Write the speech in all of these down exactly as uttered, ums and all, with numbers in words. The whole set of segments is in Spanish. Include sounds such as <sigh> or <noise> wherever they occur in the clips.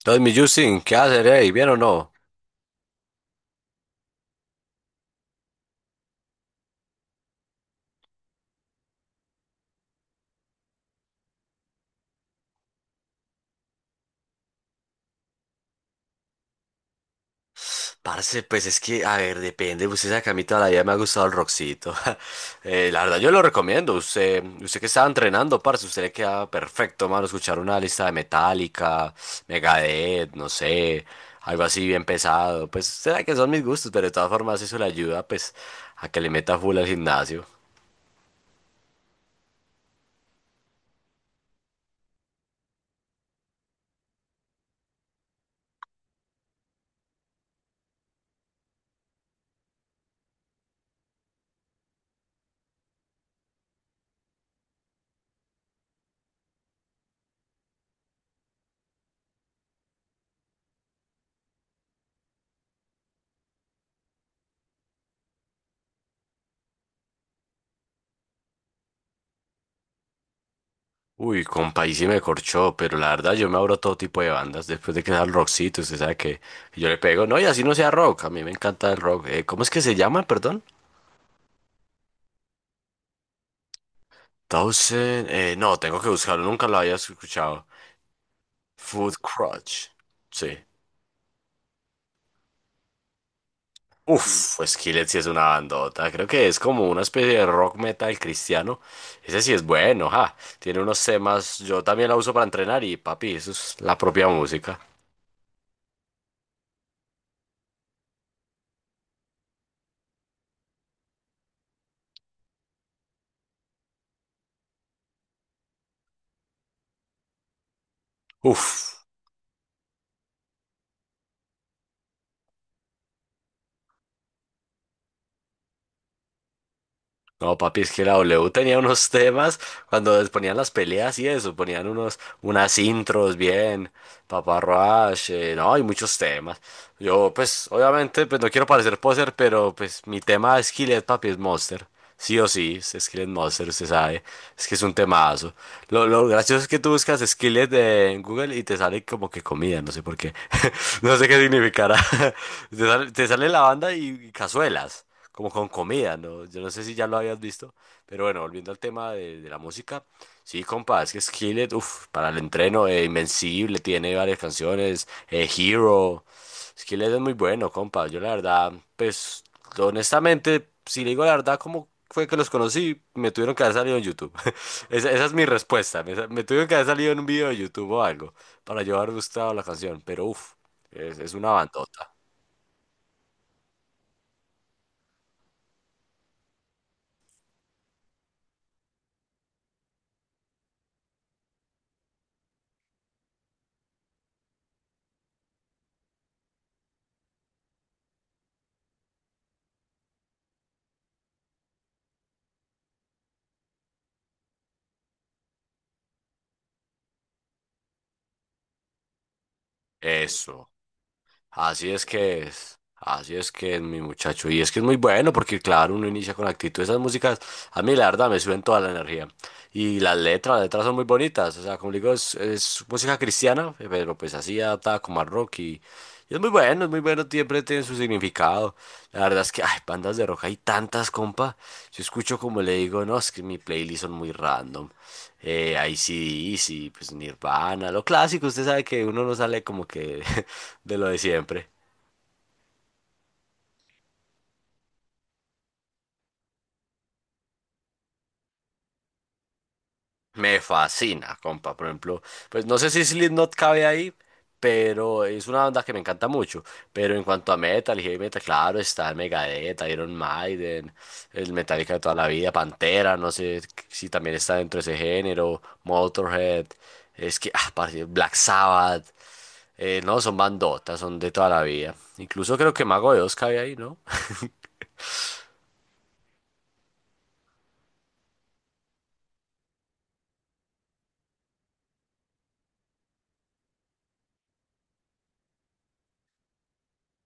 Entonces, mi Justin, ¿qué hacer, eh? ¿Bien o no? Parce, pues es que, a ver, depende. Usted sabe que a mí toda la vida me ha gustado el rockcito. <laughs> Eh, la verdad, yo lo recomiendo. Usted, usted que estaba entrenando, parce, usted le queda perfecto, mano, escuchar una lista de Metallica, Megadeth, no sé, algo así bien pesado. Pues, será que son mis gustos, pero de todas formas eso le ayuda, pues, a que le meta full al gimnasio. Uy, compa, y sí me corchó, pero la verdad yo me abro a todo tipo de bandas. Después de que sea el rockcito, usted sabe que que yo le pego. No, y así no sea rock, a mí me encanta el rock. Eh, ¿cómo es que se llama, perdón? Thousand... Eh, no, tengo que buscarlo, nunca lo había escuchado. Food Crutch. Sí. Uf, Skillet sí es una bandota. Creo que es como una especie de rock metal cristiano. Ese sí es bueno, ja. Tiene unos temas, yo también la uso para entrenar y papi, eso es la propia música. Uf. No, papi, es que la W tenía unos temas cuando les ponían las peleas y eso, ponían unos, unas intros bien, Papá Roach, eh, no, hay muchos temas. Yo, pues, obviamente, pues no quiero parecer poser, pero pues mi tema es Skillet, papi, es Monster. Sí o sí, es Skillet Monster, usted sabe, es que es un temazo. Lo, lo gracioso es que tú buscas Skillet eh, en Google y te sale como que comida, no sé por qué, <laughs> no sé qué significará. <laughs> Te sale, te sale la banda y y cazuelas como con comida, ¿no? Yo no sé si ya lo habías visto, pero bueno, volviendo al tema de, de la música, sí, compa, es que Skillet, uff, para el entreno, eh, Invencible, tiene varias canciones, eh, Hero, Skillet es muy bueno, compa, yo la verdad, pues, honestamente, si le digo la verdad, como fue que los conocí? Me tuvieron que haber salido en YouTube, <laughs> esa, esa es mi respuesta, me, sa- me tuvieron que haber salido en un video de YouTube o algo, para yo haber gustado la canción, pero uff, es, es una bandota, eso. Así es que es, así es que es mi muchacho. Y es que es muy bueno porque, claro, uno inicia con actitud. Esas músicas, a mí la verdad me suben toda la energía. Y las letras, las letras son muy bonitas. O sea, como le digo, es, es música cristiana, eh, pero pues así adaptada como al rock. Y, y es muy bueno, es muy bueno, siempre tiene su significado. La verdad es que, ay, bandas de rock hay tantas, compa. Yo escucho como le digo, no, es que mi playlist son muy random. Eh, ac pues Nirvana, lo clásico, usted sabe que uno no sale como que <laughs> de lo de siempre. Me fascina, compa. Por ejemplo, pues no sé si Slipknot cabe ahí, pero es una banda que me encanta mucho. Pero en cuanto a metal y heavy metal, claro, está el Megadeth, Iron Maiden, el Metallica de toda la vida, Pantera, no sé si también está dentro de ese género, Motorhead, es que, ah, parce, Black Sabbath, eh, no, son bandotas, son de toda la vida. Incluso creo que Mago de Oz cabe ahí, ¿no? <laughs>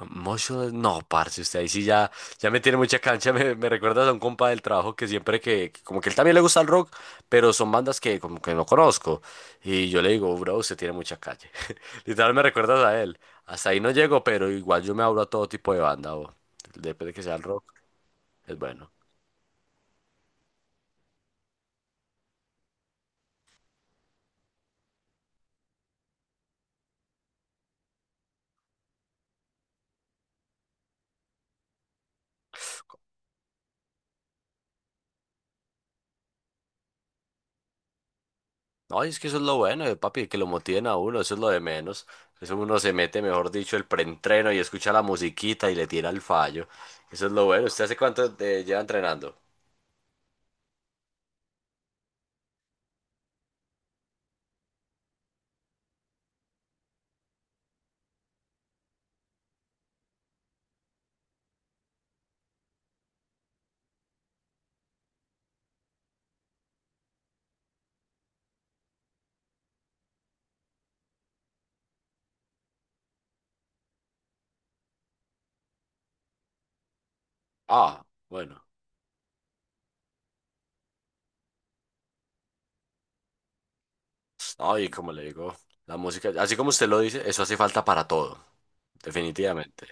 Motion, no, parce, usted ahí sí ya, ya me tiene mucha cancha, <laughs> me, me recuerdas a un compa del trabajo que siempre que, que como que él también le gusta el rock, pero son bandas que como que no conozco, y yo le digo, bro, usted tiene mucha calle, <laughs> literal me recuerdas a él, hasta ahí no llego, pero igual yo me abro a todo tipo de banda, o, depende de que sea el rock, es bueno, no, y es que eso es lo bueno, eh, papi, que lo motiven a uno, eso es lo de menos, eso uno se mete, mejor dicho, el preentreno y escucha la musiquita y le tira el fallo, eso es lo bueno. ¿Usted hace cuánto eh, lleva entrenando? Ah, bueno. Ay, como le digo, la música, así como usted lo dice, eso hace falta para todo, definitivamente.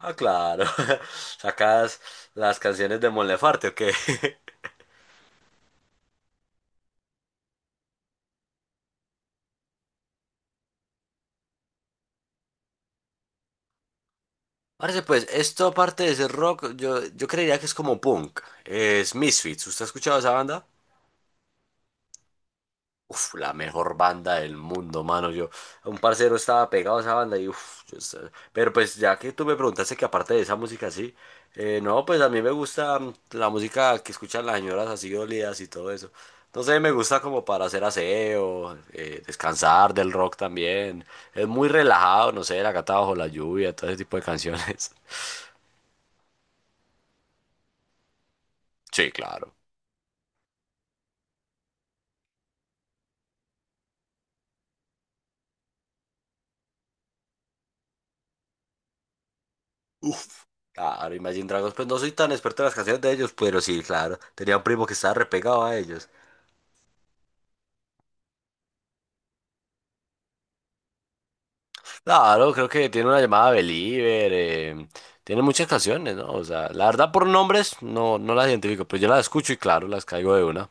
Ah, claro. <laughs> ¿Sacas las canciones de Mon Laferte, o qué? <laughs> Parece pues, esto aparte de ser rock, yo, yo creería que es como punk. Es Misfits. ¿Usted ha escuchado esa banda? Uf, la mejor banda del mundo, mano. Yo, un parcero estaba pegado a esa banda y uf, yo estaba... Pero pues ya que tú me preguntaste que aparte de esa música sí, eh, no, pues a mí me gusta mm, la música que escuchan las señoras así dolidas y todo eso. No sé, me gusta como para hacer aseo, eh, descansar del rock también. Es muy relajado, no sé, La gata bajo la lluvia, todo ese tipo de canciones. <laughs> Sí, claro. Claro, Imagine Dragons, pues no soy tan experto en las canciones de ellos, pero sí, claro. Tenía un primo que estaba repegado a ellos. Claro, creo que tiene una llamada Believer, eh, tiene muchas canciones, ¿no? O sea, la verdad por nombres no, no las identifico, pero yo las escucho y claro, las caigo de una.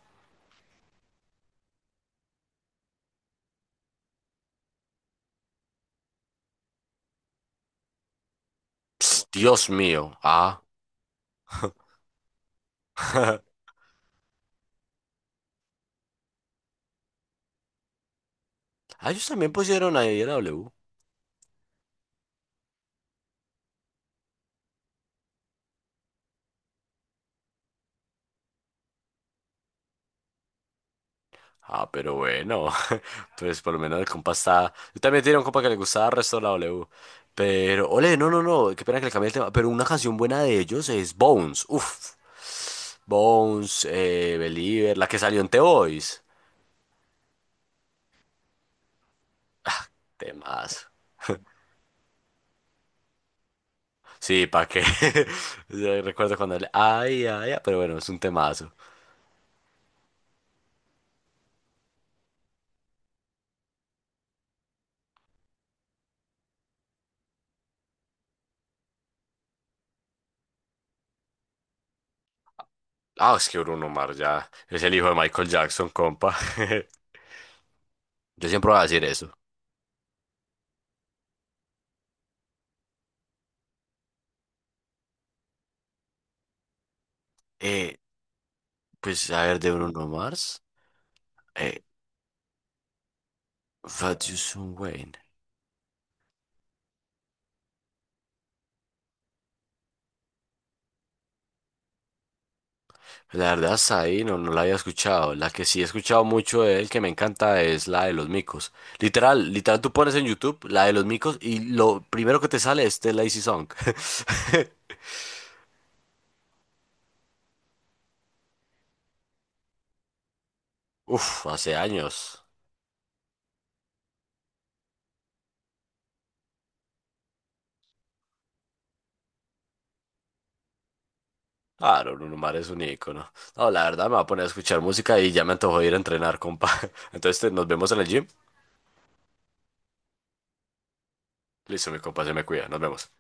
Pss, Dios mío, ah. <laughs> Ah, ellos también pusieron ahí Ira W. Ah, pero bueno, <laughs> pues por lo menos el compa está... Yo también tenía un compa que le gustaba el resto de la W. Pero, ole, no, no, no, qué pena que le cambié el tema, pero una canción buena de ellos es Bones, uff. Bones, eh, Believer, la que salió en The Voice. Temas. Sí, ¿para qué? <laughs> Yo recuerdo cuando le... Ay, ay, ay, pero bueno, es un temazo. Ah, es que Bruno Mars ya es el hijo de Michael Jackson, compa. <laughs> Yo siempre voy a decir eso. Eh, pues a ver, de Bruno Mars, eh, Fat You Soon Wayne. Pues, la verdad, hasta ahí no, no la había escuchado. La que sí he escuchado mucho de él, que me encanta, es la de los micos. Literal, literal, tú pones en YouTube la de los micos y lo primero que te sale es The Lazy Song. <laughs> Uf, hace años. Claro, Bruno Mars es un ícono. No, la verdad me va a poner a escuchar música y ya me antojó ir a entrenar, compa. <laughs> Entonces te... nos vemos en el gym. Listo, mi compa, se me cuida. Nos vemos.